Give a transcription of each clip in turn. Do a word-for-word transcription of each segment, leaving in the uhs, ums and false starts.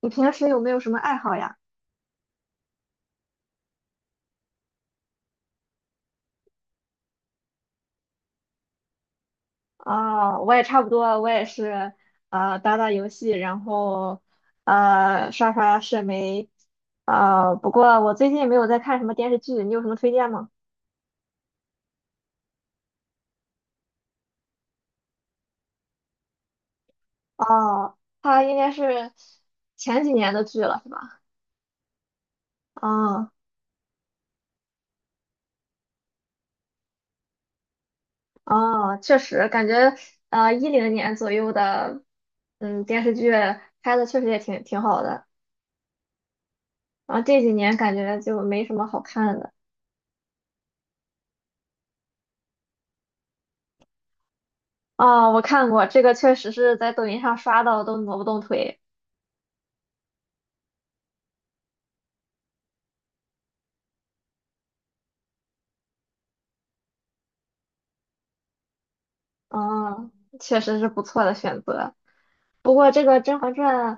你平时有没有什么爱好呀？啊，我也差不多，我也是，呃，打打游戏，然后，呃，刷刷社媒，啊，不过我最近没有在看什么电视剧，你有什么推荐吗？哦，它应该是前几年的剧了，是吧？啊啊，确实，感觉呃一零年左右的，嗯，电视剧拍的确实也挺挺好的，然后这几年感觉就没什么好看的。哦，我看过这个，确实是在抖音上刷到都挪不动腿。嗯，确实是不错的选择。不过这个《甄嬛传》，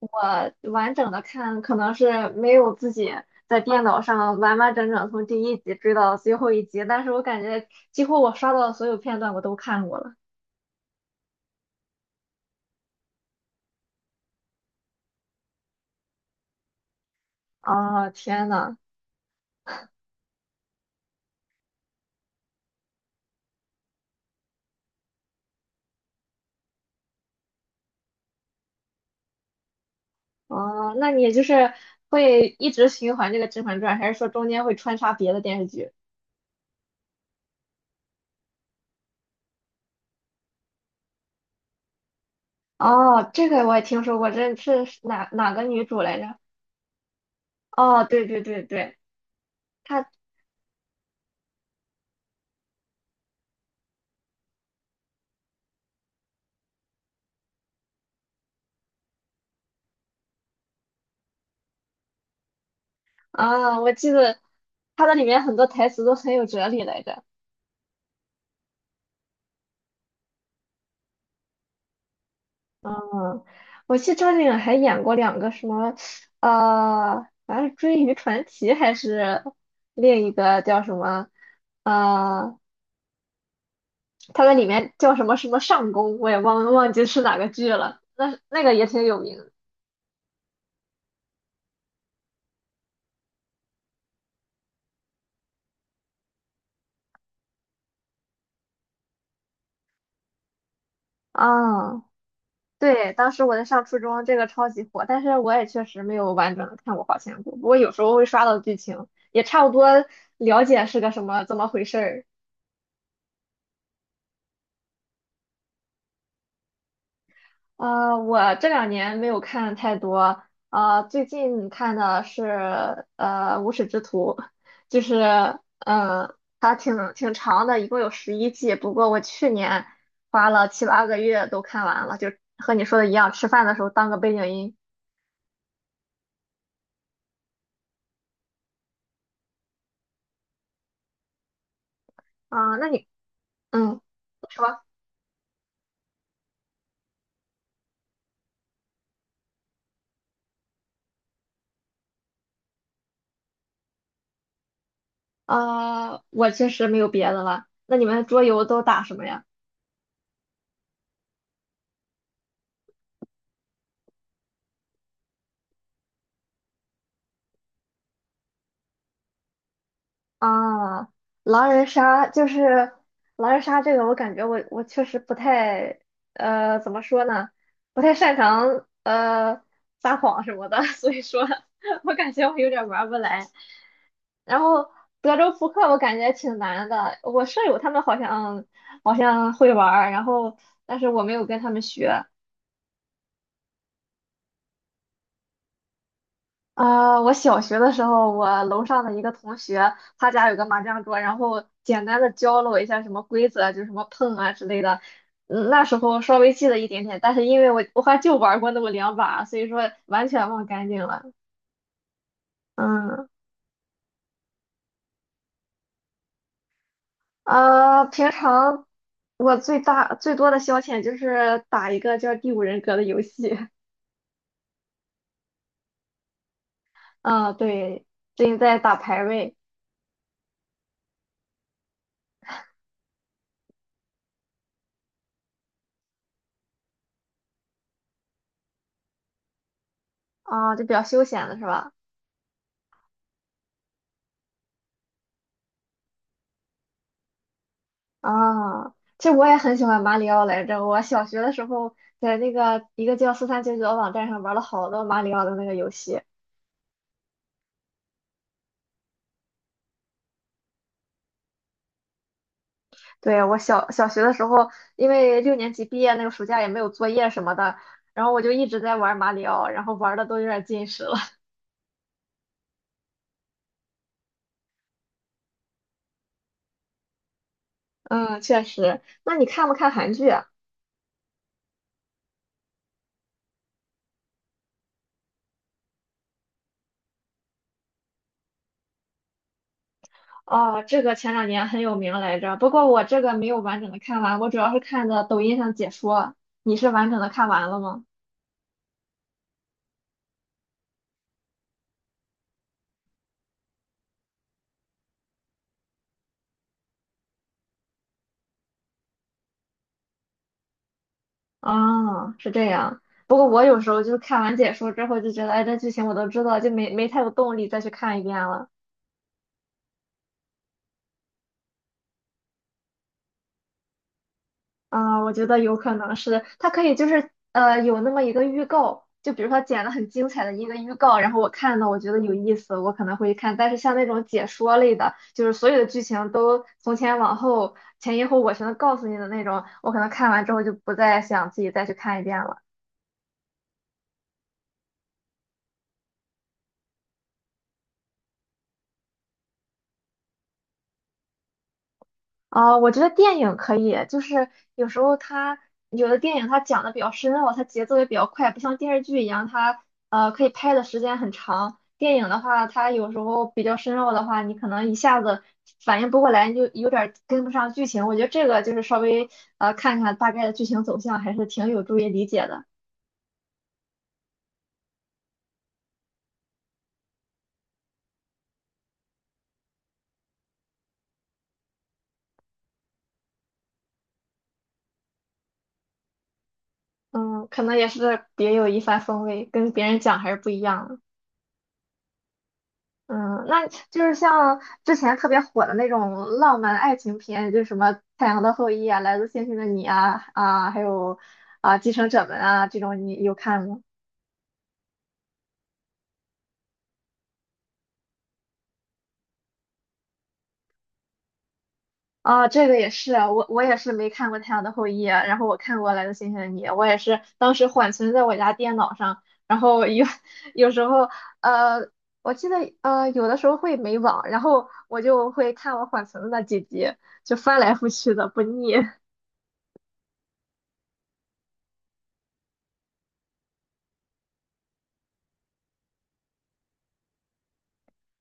我完整的看可能是没有自己在电脑上完完整整从第一集追到最后一集，但是我感觉几乎我刷到的所有片段我都看过了。啊，天呐，哦，那你就是会一直循环这个《甄嬛传》，还是说中间会穿插别的电视剧？哦，这个我也听说过，这是哪哪个女主来着？哦，对对对对，他啊，我记得他的里面很多台词都很有哲理来着。嗯，我记得张靓颖还演过两个什么，呃，好像是《追鱼传奇》还是另一个叫什么，呃，他在里面叫什么什么上宫，我也忘忘记是哪个剧了。那那个也挺有名的啊。对，当时我在上初中，这个超级火，但是我也确实没有完整的看过《花千骨》，不过有时候会刷到剧情，也差不多了解是个什么怎么回事儿。呃，我这两年没有看太多，呃，最近看的是呃《无耻之徒》，就是嗯、呃它挺挺长的，一共有十一季，不过我去年花了七八个月都看完了，就和你说的一样，吃饭的时候当个背景音。啊、那你嗯。说。啊，我确实没有别的了。那你们桌游都打什么呀？啊，狼人杀就是狼人杀这个，我感觉我我确实不太呃，怎么说呢，不太擅长呃撒谎什么的，所以说我感觉我有点玩不来。然后德州扑克我感觉挺难的，我舍友他们好像好像会玩儿然后但是我没有跟他们学。啊，我小学的时候，我楼上的一个同学，他家有个麻将桌，然后简单的教了我一下什么规则，就是什么碰啊之类的。嗯，那时候稍微记得一点点，但是因为我我还就玩过那么两把，所以说完全忘干净了。嗯，啊，平常我最大最多的消遣就是打一个叫《第五人格》的游戏。嗯，对，最近在打排位啊，就比较休闲了，是吧？啊，其实我也很喜欢马里奥来着。我小学的时候在那个一个叫四三九九的网站上玩了好多马里奥的那个游戏。对，我小小学的时候，因为六年级毕业那个暑假也没有作业什么的，然后我就一直在玩马里奥，然后玩的都有点近视了。嗯，确实。那你看不看韩剧啊？哦，这个前两年很有名来着，不过我这个没有完整的看完，我主要是看的抖音上解说。你是完整的看完了吗？啊，是这样。不过我有时候就是看完解说之后就觉得，哎，这剧情我都知道，就没没太有动力再去看一遍了。啊，我觉得有可能是它可以就是呃有那么一个预告，就比如说剪了很精彩的一个预告，然后我看到我觉得有意思，我可能会看。但是像那种解说类的，就是所有的剧情都从前往后、前因后果全都告诉你的那种，我可能看完之后就不再想自己再去看一遍了。啊，我觉得电影可以，就是有时候它有的电影它讲的比较深奥，它节奏也比较快，不像电视剧一样，它呃可以拍的时间很长。电影的话，它有时候比较深奥的话，你可能一下子反应不过来，你就有点儿跟不上剧情。我觉得这个就是稍微呃看看大概的剧情走向，还是挺有助于理解的。嗯，可能也是别有一番风味，跟别人讲还是不一样的。嗯，那就是像之前特别火的那种浪漫爱情片，就是什么《太阳的后裔》啊，《来自星星的你》啊，啊，还有啊《继承者们》啊，这种你有看吗？啊，这个也是，我我也是没看过《太阳的后裔》，然后我看过《来自星星的你》，我也是当时缓存在我家电脑上，然后有 有时候呃，我记得呃有的时候会没网，然后我就会看我缓存的那几集，就翻来覆去的不腻。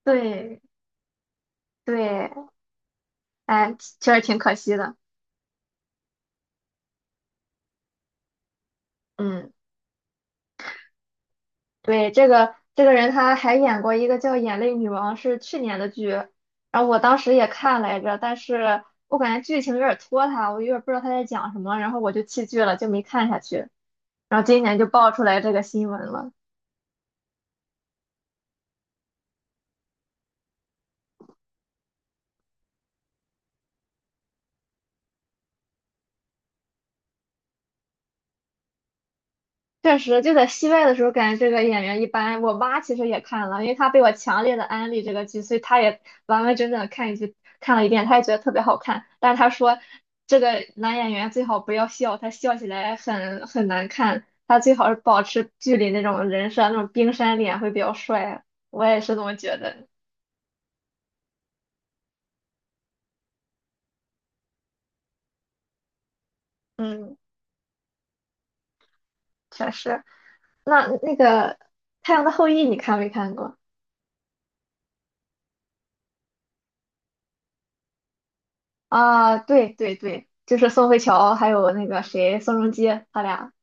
对对，哎，确实挺可惜的。嗯，对，这个这个人他还演过一个叫《眼泪女王》，是去年的剧，然后我当时也看来着，但是我感觉剧情有点拖沓，我有点不知道他在讲什么，然后我就弃剧了，就没看下去。然后今年就爆出来这个新闻了。确实，就在戏外的时候，感觉这个演员一般。我妈其实也看了，因为她被我强烈的安利这个剧，所以她也完完整整地看一集，看了一遍，她也觉得特别好看。但是她说，这个男演员最好不要笑，他笑起来很很难看。他最好是保持剧里那种人设，那种冰山脸会比较帅。我也是这么觉得。嗯，确实。那那个《太阳的后裔》，你看没看过？啊，对对对，就是宋慧乔还有那个谁，宋仲基，他俩。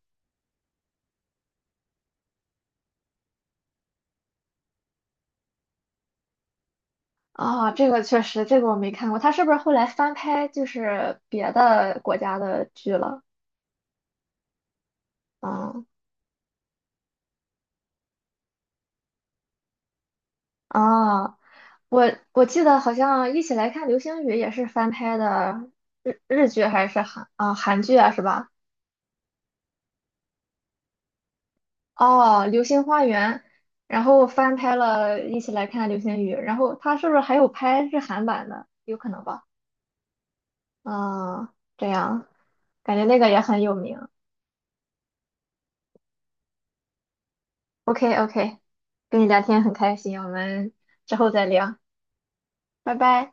啊，这个确实，这个我没看过。他是不是后来翻拍就是别的国家的剧了？嗯，啊，我我记得好像《一起来看流星雨》也是翻拍的日日剧还是韩啊韩剧啊是吧？哦，《流星花园》，然后翻拍了《一起来看流星雨》，然后他是不是还有拍日韩版的？有可能吧？啊，这样，感觉那个也很有名。OK OK,跟你聊天很开心，我们之后再聊。拜拜。